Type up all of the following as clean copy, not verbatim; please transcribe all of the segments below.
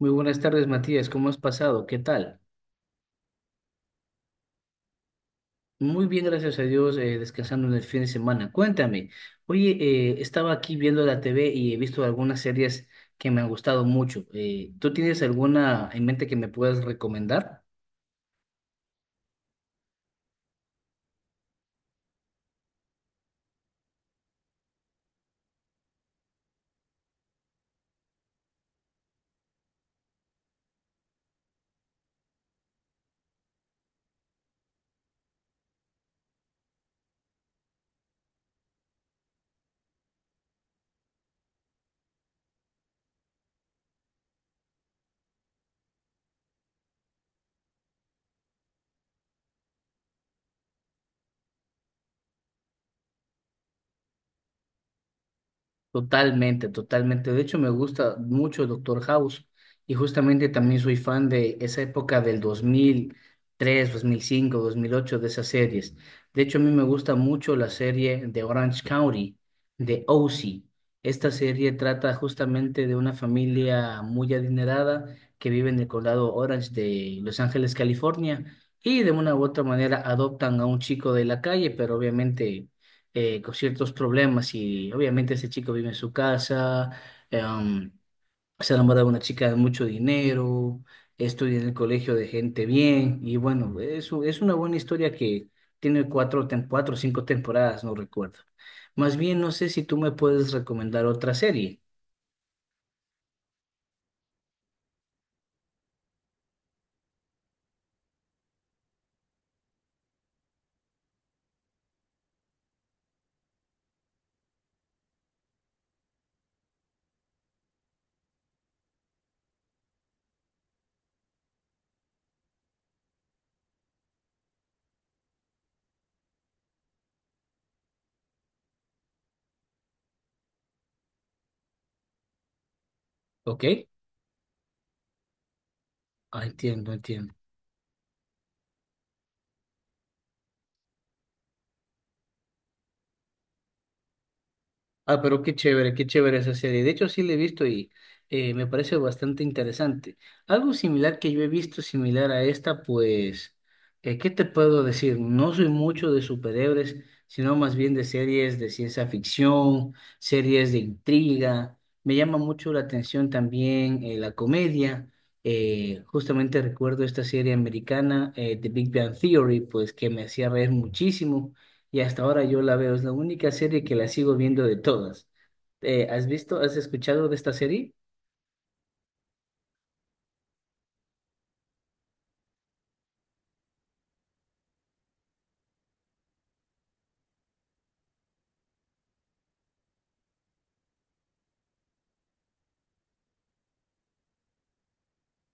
Muy buenas tardes, Matías. ¿Cómo has pasado? ¿Qué tal? Muy bien, gracias a Dios, descansando en el fin de semana. Cuéntame, oye, estaba aquí viendo la TV y he visto algunas series que me han gustado mucho. ¿Tú tienes alguna en mente que me puedas recomendar? Totalmente, totalmente. De hecho, me gusta mucho Doctor House y justamente también soy fan de esa época del dos mil tres, 2005, 2008, de esas series. De hecho, a mí me gusta mucho la serie de Orange County, de OC. Esta serie trata justamente de una familia muy adinerada que vive en el condado Orange de Los Ángeles, California, y de una u otra manera adoptan a un chico de la calle, pero obviamente con ciertos problemas. Y obviamente ese chico vive en su casa, em, se enamora de una chica de mucho dinero, estudia en el colegio de gente bien y bueno, es una buena historia que tiene cuatro o cinco temporadas, no recuerdo. Más bien, no sé si tú me puedes recomendar otra serie, ¿ok? Ah, entiendo, entiendo. Ah, pero qué chévere esa serie. De hecho, sí la he visto y me parece bastante interesante. Algo similar que yo he visto, similar a esta, pues, ¿qué te puedo decir? No soy mucho de superhéroes, sino más bien de series de ciencia ficción, series de intriga. Me llama mucho la atención también la comedia. Justamente recuerdo esta serie americana, The Big Bang Theory, pues que me hacía reír muchísimo. Y hasta ahora yo la veo, es la única serie que la sigo viendo de todas. ¿Has visto, has escuchado de esta serie?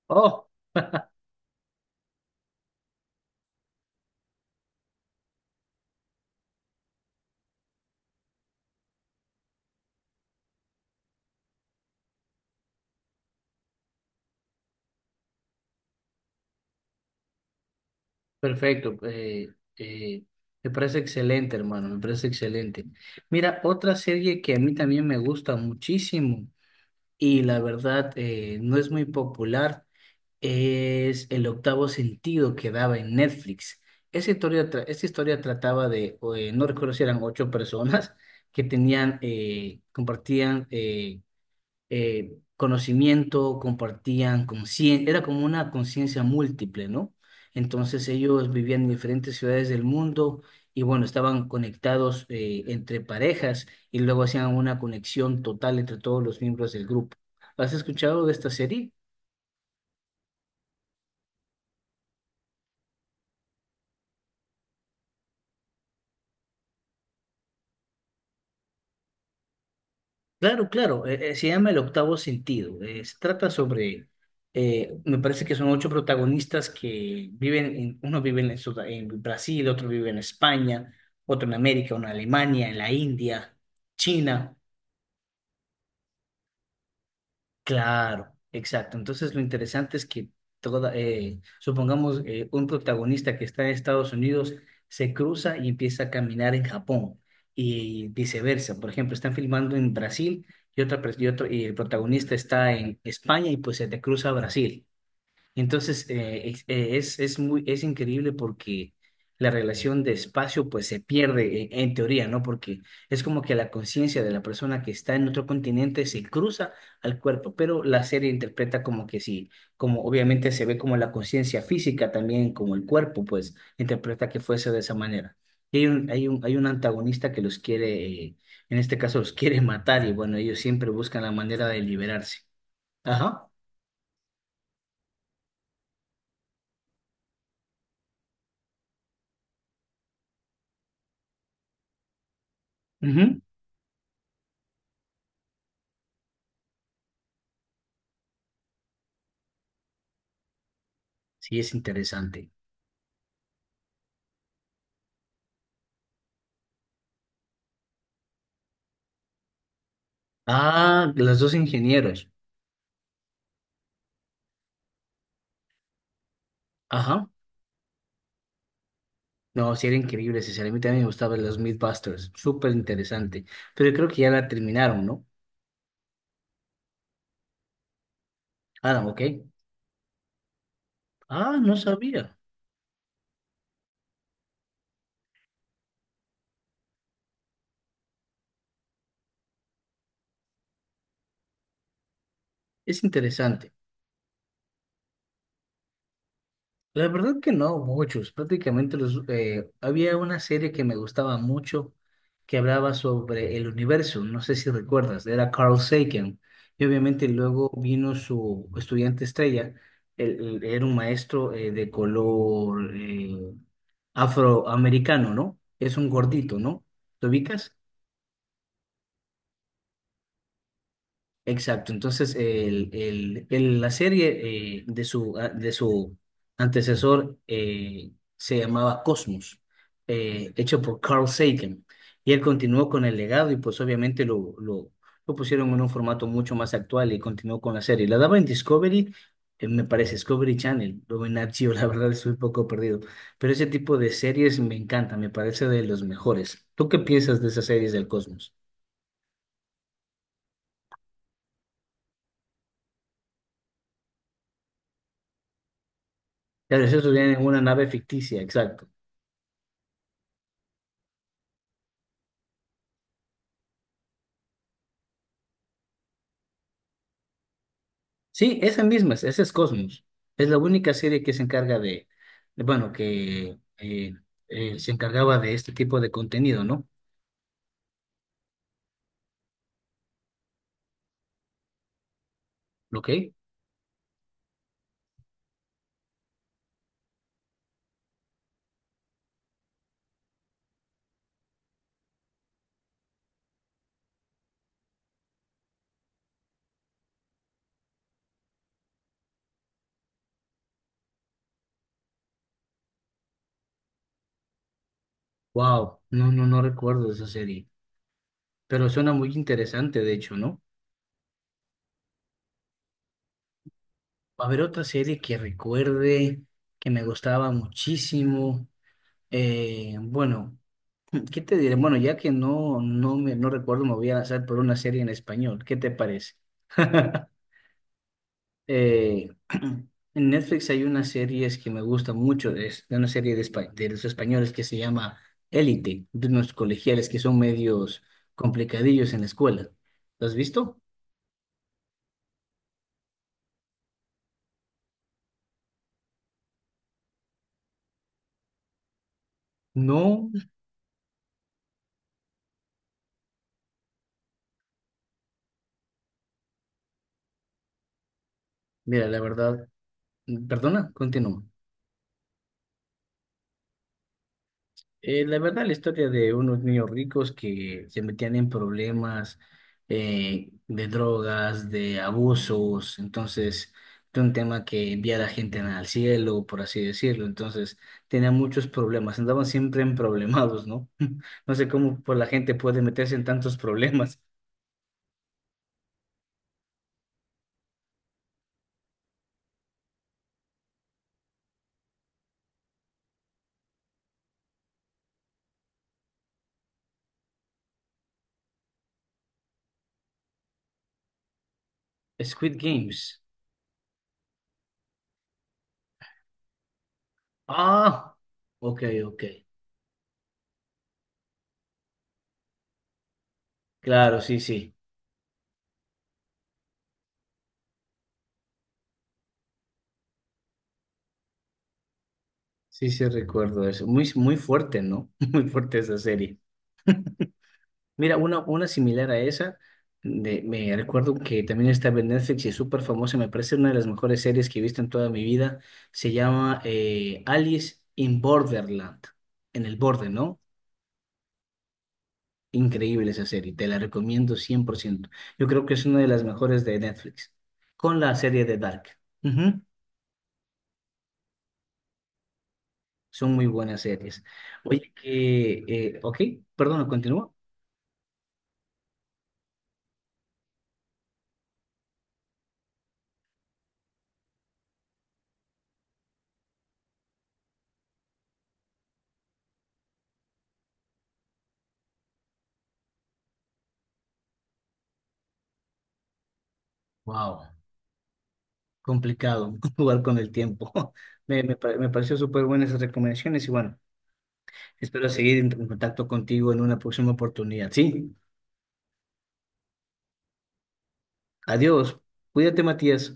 Oh, perfecto. Eh, Me parece excelente, hermano, me parece excelente. Mira, otra serie que a mí también me gusta muchísimo y la verdad no es muy popular es El octavo sentido, que daba en Netflix. Esa historia trataba de, no recuerdo si eran ocho personas que tenían, conocimiento, compartían conciencia, era como una conciencia múltiple, ¿no? Entonces ellos vivían en diferentes ciudades del mundo y bueno, estaban conectados entre parejas y luego hacían una conexión total entre todos los miembros del grupo. ¿Has escuchado de esta serie? Claro, claro, se llama El Octavo Sentido. Se trata sobre, me parece que son ocho protagonistas que viven en, uno vive en, en Brasil, otro vive en España, otro en América, uno en Alemania, en la India, China. Claro, exacto. Entonces lo interesante es que toda, supongamos un protagonista que está en Estados Unidos se cruza y empieza a caminar en Japón y viceversa. Por ejemplo, están filmando en Brasil y otra pers- y otro y el protagonista está en España y pues se te cruza a Brasil. Entonces, es increíble porque la relación de espacio pues se pierde en teoría, ¿no? Porque es como que la conciencia de la persona que está en otro continente se cruza al cuerpo, pero la serie interpreta como que sí, como obviamente se ve como la conciencia física también, como el cuerpo, pues interpreta que fuese de esa manera. Y hay un antagonista que los quiere, en este caso, los quiere matar y bueno, ellos siempre buscan la manera de liberarse. Ajá. Ujú. Sí, es interesante. Ah, los dos ingenieros. Ajá. No, sí era increíble, sinceramente a mí me gustaba los Mythbusters, súper interesante. Pero creo que ya la terminaron, ¿no? Ah, ok. Ah, no sabía. Es interesante. La verdad que no, muchos. Prácticamente los, había una serie que me gustaba mucho que hablaba sobre el universo. No sé si recuerdas, era Carl Sagan. Y obviamente luego vino su estudiante estrella. Él era un maestro, de color, afroamericano, ¿no? Es un gordito, ¿no? ¿Lo ubicas? Exacto, entonces la serie, de su antecesor, se llamaba Cosmos, hecho por Carl Sagan, y él continuó con el legado y pues obviamente lo pusieron en un formato mucho más actual y continuó con la serie. La daba en Discovery, me parece Discovery Channel, o en Nat Geo, la verdad estoy un poco perdido, pero ese tipo de series me encanta, me parece de los mejores. ¿Tú qué piensas de esas series del Cosmos? Claro, eso en una nave ficticia, exacto. Sí, esa misma, esa es Cosmos. Es la única serie que se encarga de, bueno, que se encargaba de este tipo de contenido, ¿no? ¿Ok? Wow, no, no, no recuerdo de esa serie, pero suena muy interesante, de hecho, ¿no? A ver, otra serie que recuerde, que me gustaba muchísimo. Bueno, ¿qué te diré? Bueno, ya que no, no me, no recuerdo, me voy a lanzar por una serie en español. ¿Qué te parece? Eh, en Netflix hay unas series que me gustan mucho, es de una serie de los españoles que se llama Élite, de unos colegiales que son medios complicadillos en la escuela. ¿Lo has visto? No, mira, la verdad, perdona, continúa. La verdad, la historia de unos niños ricos que se metían en problemas, de drogas, de abusos. Entonces era un tema que envía a la gente al cielo, por así decirlo, entonces tenían muchos problemas, andaban siempre en problemados, ¿no? No sé cómo pues, la gente puede meterse en tantos problemas. Squid Games. Ah, ok, ok. Claro, sí, sí, sí, sí recuerdo eso. Muy, muy fuerte, ¿no? Muy fuerte esa serie. Mira, una similar a esa, me recuerdo que también está en Netflix y es súper famosa, me parece una de las mejores series que he visto en toda mi vida, se llama Alice in Borderland, en el borde, ¿no? Increíble esa serie, te la recomiendo 100%. Yo creo que es una de las mejores de Netflix, con la serie de Dark. Ujú. Son muy buenas series. Oye, que, ok, perdón, continúa. Wow. Complicado jugar con el tiempo. Me me pareció súper buenas esas recomendaciones y bueno, espero seguir en contacto contigo en una próxima oportunidad. Sí, adiós. Cuídate, Matías.